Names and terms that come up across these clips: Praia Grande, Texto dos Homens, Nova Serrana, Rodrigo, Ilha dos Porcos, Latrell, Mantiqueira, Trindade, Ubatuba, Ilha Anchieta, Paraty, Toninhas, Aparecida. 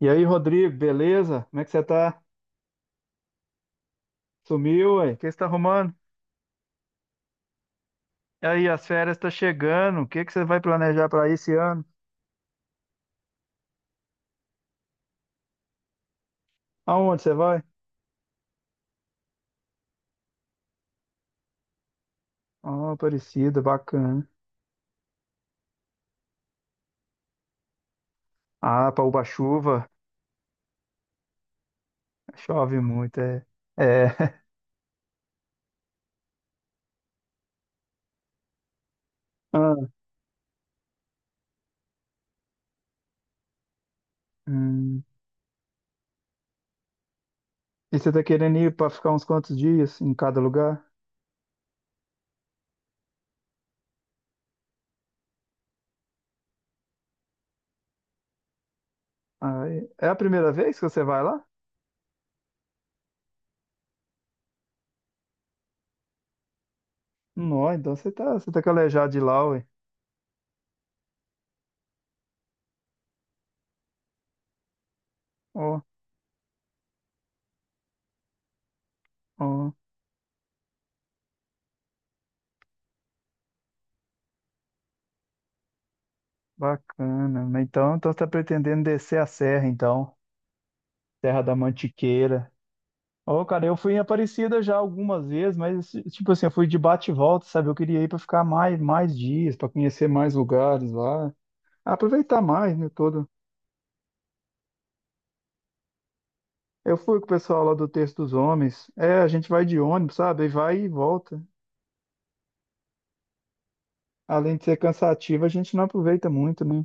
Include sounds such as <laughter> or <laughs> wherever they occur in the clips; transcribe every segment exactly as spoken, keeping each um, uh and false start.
E aí, Rodrigo, beleza? Como é que você tá? Sumiu, ué? O que você tá arrumando? E aí, as férias tá chegando. O que que você vai planejar para esse ano? Aonde você vai? Ah, Aparecida, bacana. Ah, para Ubatuba, chove muito, é. É. <laughs> Ah, hum. E você tá querendo ir para ficar uns quantos dias em cada lugar? Ah, é é a primeira vez que você vai lá? Não, então você tá, você tá calejado de lá, ué. Ó, ó, bacana. Então, então você tá pretendendo descer a serra, então. Terra da Mantiqueira. Ô, cara, eu fui em Aparecida já algumas vezes, mas tipo assim, eu fui de bate e volta, sabe? Eu queria ir para ficar mais, mais dias, para conhecer mais lugares lá, aproveitar mais, né, todo. Eu fui com o pessoal lá do Texto dos Homens. É, a gente vai de ônibus, sabe? E vai e volta. Além de ser cansativo, a gente não aproveita muito, né?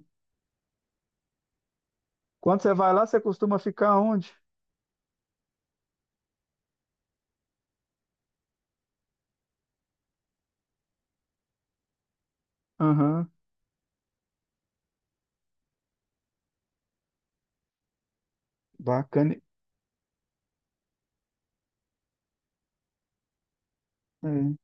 Quando você vai lá, você costuma ficar onde? Aham, bacana. É.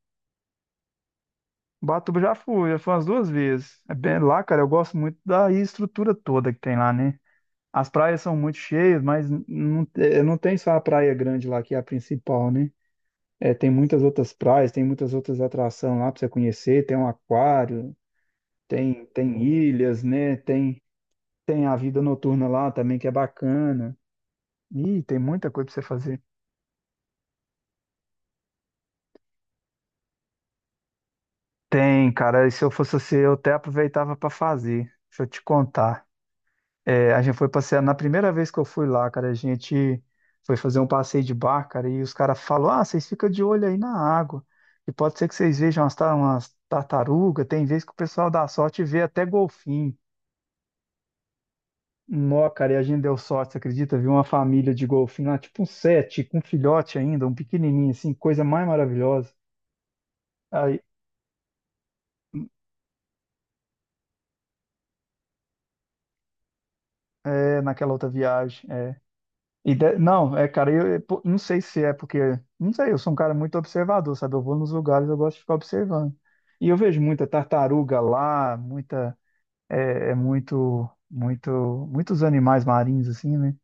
Batuba já fui, já fui umas duas vezes. É bem lá, cara, eu gosto muito da estrutura toda que tem lá, né? As praias são muito cheias, mas não, te- não tem só a praia grande lá, que é a principal, né? É, tem muitas outras praias, tem muitas outras atrações lá para você conhecer, tem um aquário, tem, tem ilhas, né? Tem, tem a vida noturna lá também, que é bacana. Ih, tem muita coisa para você fazer. Tem, cara, e se eu fosse você, eu até aproveitava para fazer. Deixa eu te contar. É, a gente foi passear, na primeira vez que eu fui lá, cara, a gente foi fazer um passeio de barco, cara, e os caras falam, ah, vocês ficam de olho aí na água, e pode ser que vocês vejam umas, ta- umas tartarugas, tem vez que o pessoal dá sorte e vê até golfinho. Nó, cara, e a gente deu sorte, você acredita? Viu uma família de golfinho lá, tipo um sete, com um filhote ainda, um pequenininho, assim, coisa mais maravilhosa. Aí, é, naquela outra viagem. É. E de- Não, é, cara, eu eu- pô, não sei se é porque. Não sei, eu sou um cara muito observador, sabe? Eu vou nos lugares, eu gosto de ficar observando. E eu vejo muita tartaruga lá, muita. É, é muito. Muito. Muitos animais marinhos, assim, né?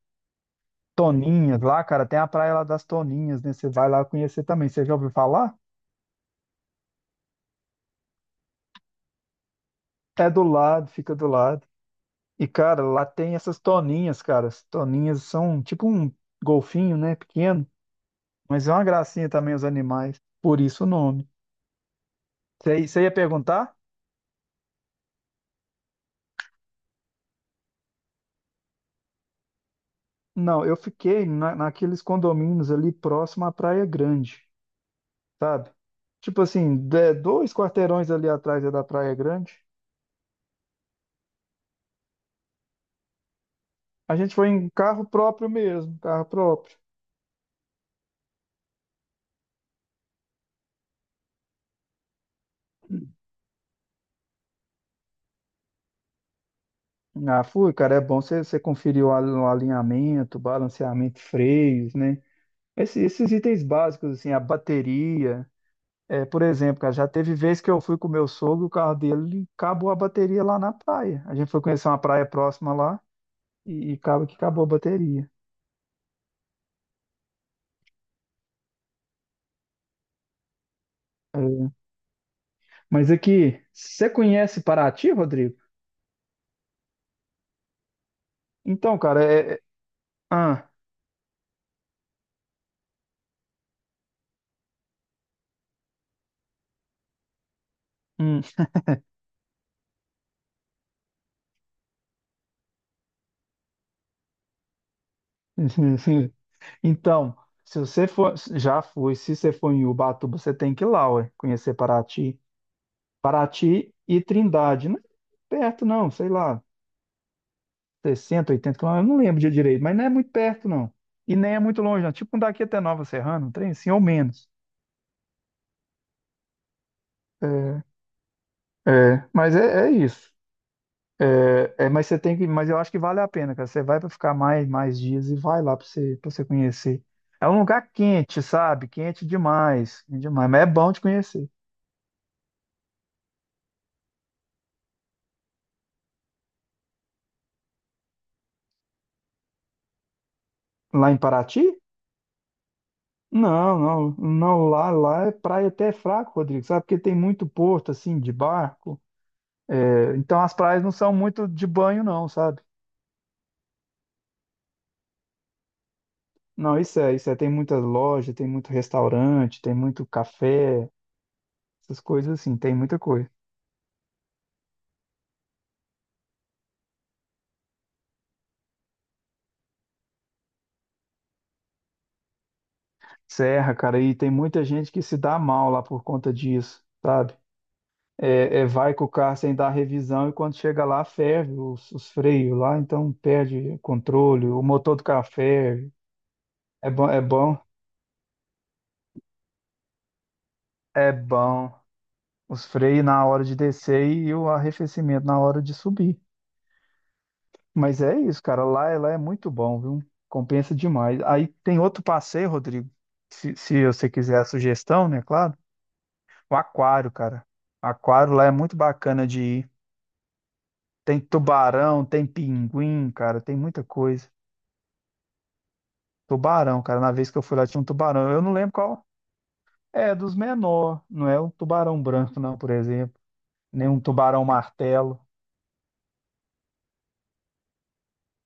Toninhas lá, cara, tem a praia lá das Toninhas, né? Você vai lá conhecer também. Você já ouviu falar? É do lado, fica do lado. E, cara, lá tem essas toninhas, cara. As toninhas são tipo um golfinho, né? Pequeno. Mas é uma gracinha também os animais. Por isso o nome. Você você ia perguntar? Não, eu fiquei na, naqueles condomínios ali próximo à Praia Grande, sabe? Tipo assim, de- dois quarteirões ali atrás é da Praia Grande. A gente foi em carro próprio mesmo, carro próprio. Ah, fui, cara, é bom você você conferir o al- o alinhamento, balanceamento, freios, né? Esses, esses itens básicos, assim, a bateria. É, por exemplo, cara, já teve vez que eu fui com o meu sogro, o carro dele acabou a bateria lá na praia. A gente foi conhecer uma praia próxima lá. E acaba que acabou a bateria. É. Mas aqui, você conhece Paraty, Rodrigo? Então, cara, é. é- Ah, hum. <laughs> Então, se você for. Já foi, se você for em Ubatuba, você tem que ir lá, ué, conhecer Paraty. Paraty e Trindade. Não é perto, não, sei lá, sessenta, oitenta quilômetros, eu não lembro de direito, mas não é muito perto, não. E nem é muito longe, não. Tipo, um daqui até Nova Serrana, um trem assim, ou menos. É, é, mas é, é isso. É, é, mas você tem que, mas eu acho que vale a pena, cara. Você vai para ficar mais, mais dias e vai lá para você, para você conhecer. É um lugar quente, sabe? Quente demais, quente demais, mas é bom de conhecer. Lá em Paraty? Não, não, não, lá, lá é praia até fraco, Rodrigo, sabe? Porque tem muito porto assim de barco. É, então as praias não são muito de banho não, sabe? Não, isso é, isso é, tem muitas lojas, tem muito restaurante, tem muito café, essas coisas assim, tem muita coisa. Serra, cara, e tem muita gente que se dá mal lá por conta disso, sabe? É, é, vai com o carro sem dar revisão e quando chega lá ferve os, os freios lá, então perde controle, o motor do carro ferve. É bom, é bom, é bom. Os freios na hora de descer e o arrefecimento na hora de subir. Mas é isso, cara, lá, lá é muito bom, viu? Compensa demais. Aí tem outro passeio, Rodrigo, se, se você quiser a sugestão, né, claro. O aquário, cara. O aquário lá é muito bacana de ir. Tem tubarão, tem pinguim, cara, tem muita coisa. Tubarão, cara, na vez que eu fui lá tinha um tubarão. Eu não lembro qual é dos menor, não é um tubarão branco, não, por exemplo, nem um tubarão martelo.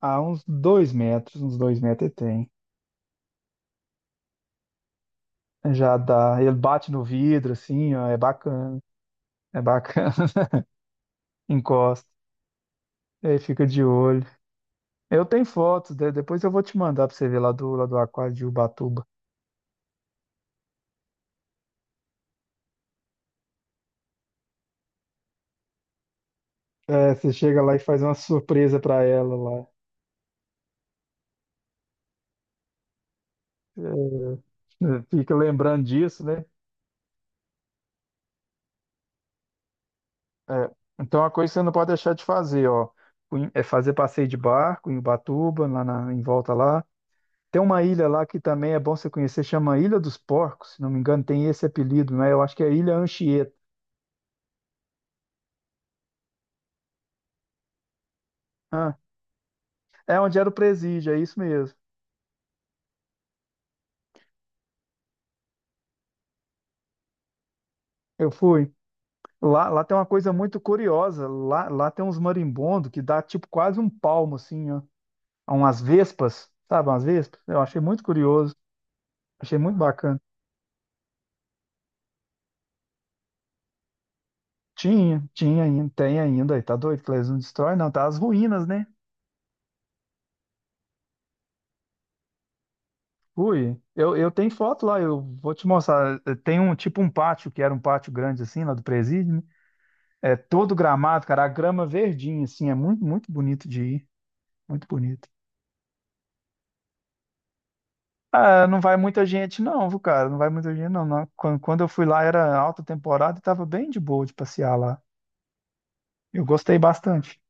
Há uns dois metros, uns dois metros ele tem. Já dá, ele bate no vidro, assim, ó, é bacana, é bacana. <laughs> Encosta, aí fica de olho. Eu tenho fotos, de- depois eu vou te mandar pra você ver lá do, lá do aquário de Ubatuba. É, você chega lá e faz uma surpresa pra ela lá. É, fica lembrando disso, né? É, então, a coisa que você não pode deixar de fazer, ó, Cun- é fazer passeio de barco em Ubatuba, lá na, em volta lá. Tem uma ilha lá que também é bom você conhecer, chama Ilha dos Porcos, se não me engano, tem esse apelido, né? Eu acho que é Ilha Anchieta. Ah, é onde era o presídio, é isso mesmo. Eu fui. Lá, lá tem uma coisa muito curiosa, lá, lá tem uns marimbondos que dá tipo quase um palmo, assim, ó, a umas vespas, sabe, umas vespas? Eu achei muito curioso, achei muito bacana. Tinha, tinha ainda, tem ainda, e tá doido, que eles não destrói, não, tá as ruínas, né? Ui, eu, eu tenho foto lá, eu vou te mostrar. eh, Tem um tipo um pátio, que era um pátio grande assim, lá do presídio, né? É todo gramado, cara, a grama verdinha, assim, é muito, muito bonito de ir, muito bonito. Ah, não vai muita gente não, viu, cara? Não vai muita gente não, não. Quando, quando eu fui lá era alta temporada e tava bem de boa de passear lá. Eu gostei bastante.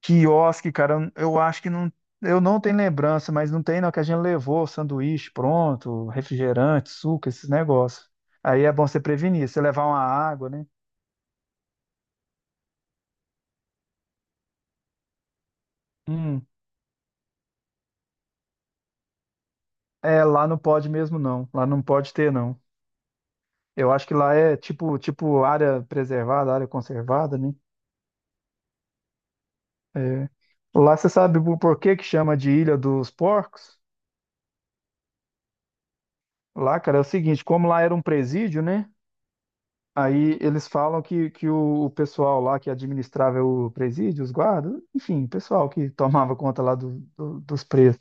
Quiosque, cara, eu acho que não. Eu não tenho lembrança, mas não tem não, que a gente levou sanduíche pronto, refrigerante, suco, esses negócios. Aí é bom você prevenir, você levar uma água, né? Hum, É, lá não pode mesmo não, lá não pode ter não. Eu acho que lá é tipo, tipo área preservada, área conservada, né? É. Lá você sabe por por que que chama de Ilha dos Porcos? Lá, cara, é o seguinte, como lá era um presídio, né? Aí eles falam que, que o, o pessoal lá que administrava o presídio, os guardas, enfim, o pessoal que tomava conta lá do- do- dos presos,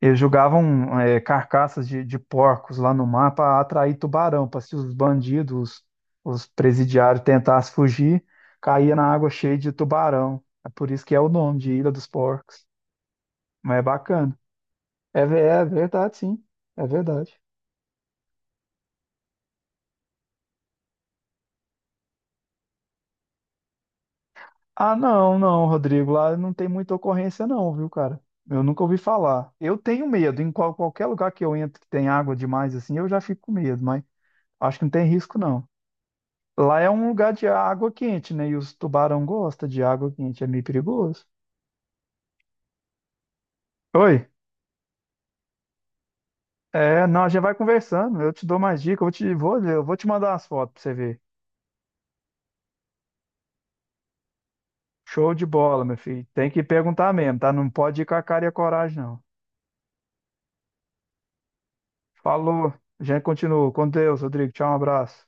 eles jogavam é, carcaças de, de porcos lá no mar para atrair tubarão, para se os bandidos, os presidiários tentassem fugir, caía na água cheia de tubarão. É por isso que é o nome de Ilha dos Porcos. Mas é bacana. É, ve- é verdade, sim. É verdade. Ah, não, não, Rodrigo. Lá não tem muita ocorrência, não, viu, cara? Eu nunca ouvi falar. Eu tenho medo. Em qual- qualquer lugar que eu entro que tem água demais, assim, eu já fico com medo, mas acho que não tem risco, não. Lá é um lugar de água quente, né? E os tubarão gostam de água quente, é meio perigoso. Oi? É, não, a gente vai conversando. Eu te dou mais dicas, eu vou te, vou, eu vou te mandar as fotos pra você ver. Show de bola, meu filho. Tem que perguntar mesmo, tá? Não pode ir com a cara e a coragem, não. Falou. A gente continua. Com Deus, Rodrigo. Tchau, um abraço.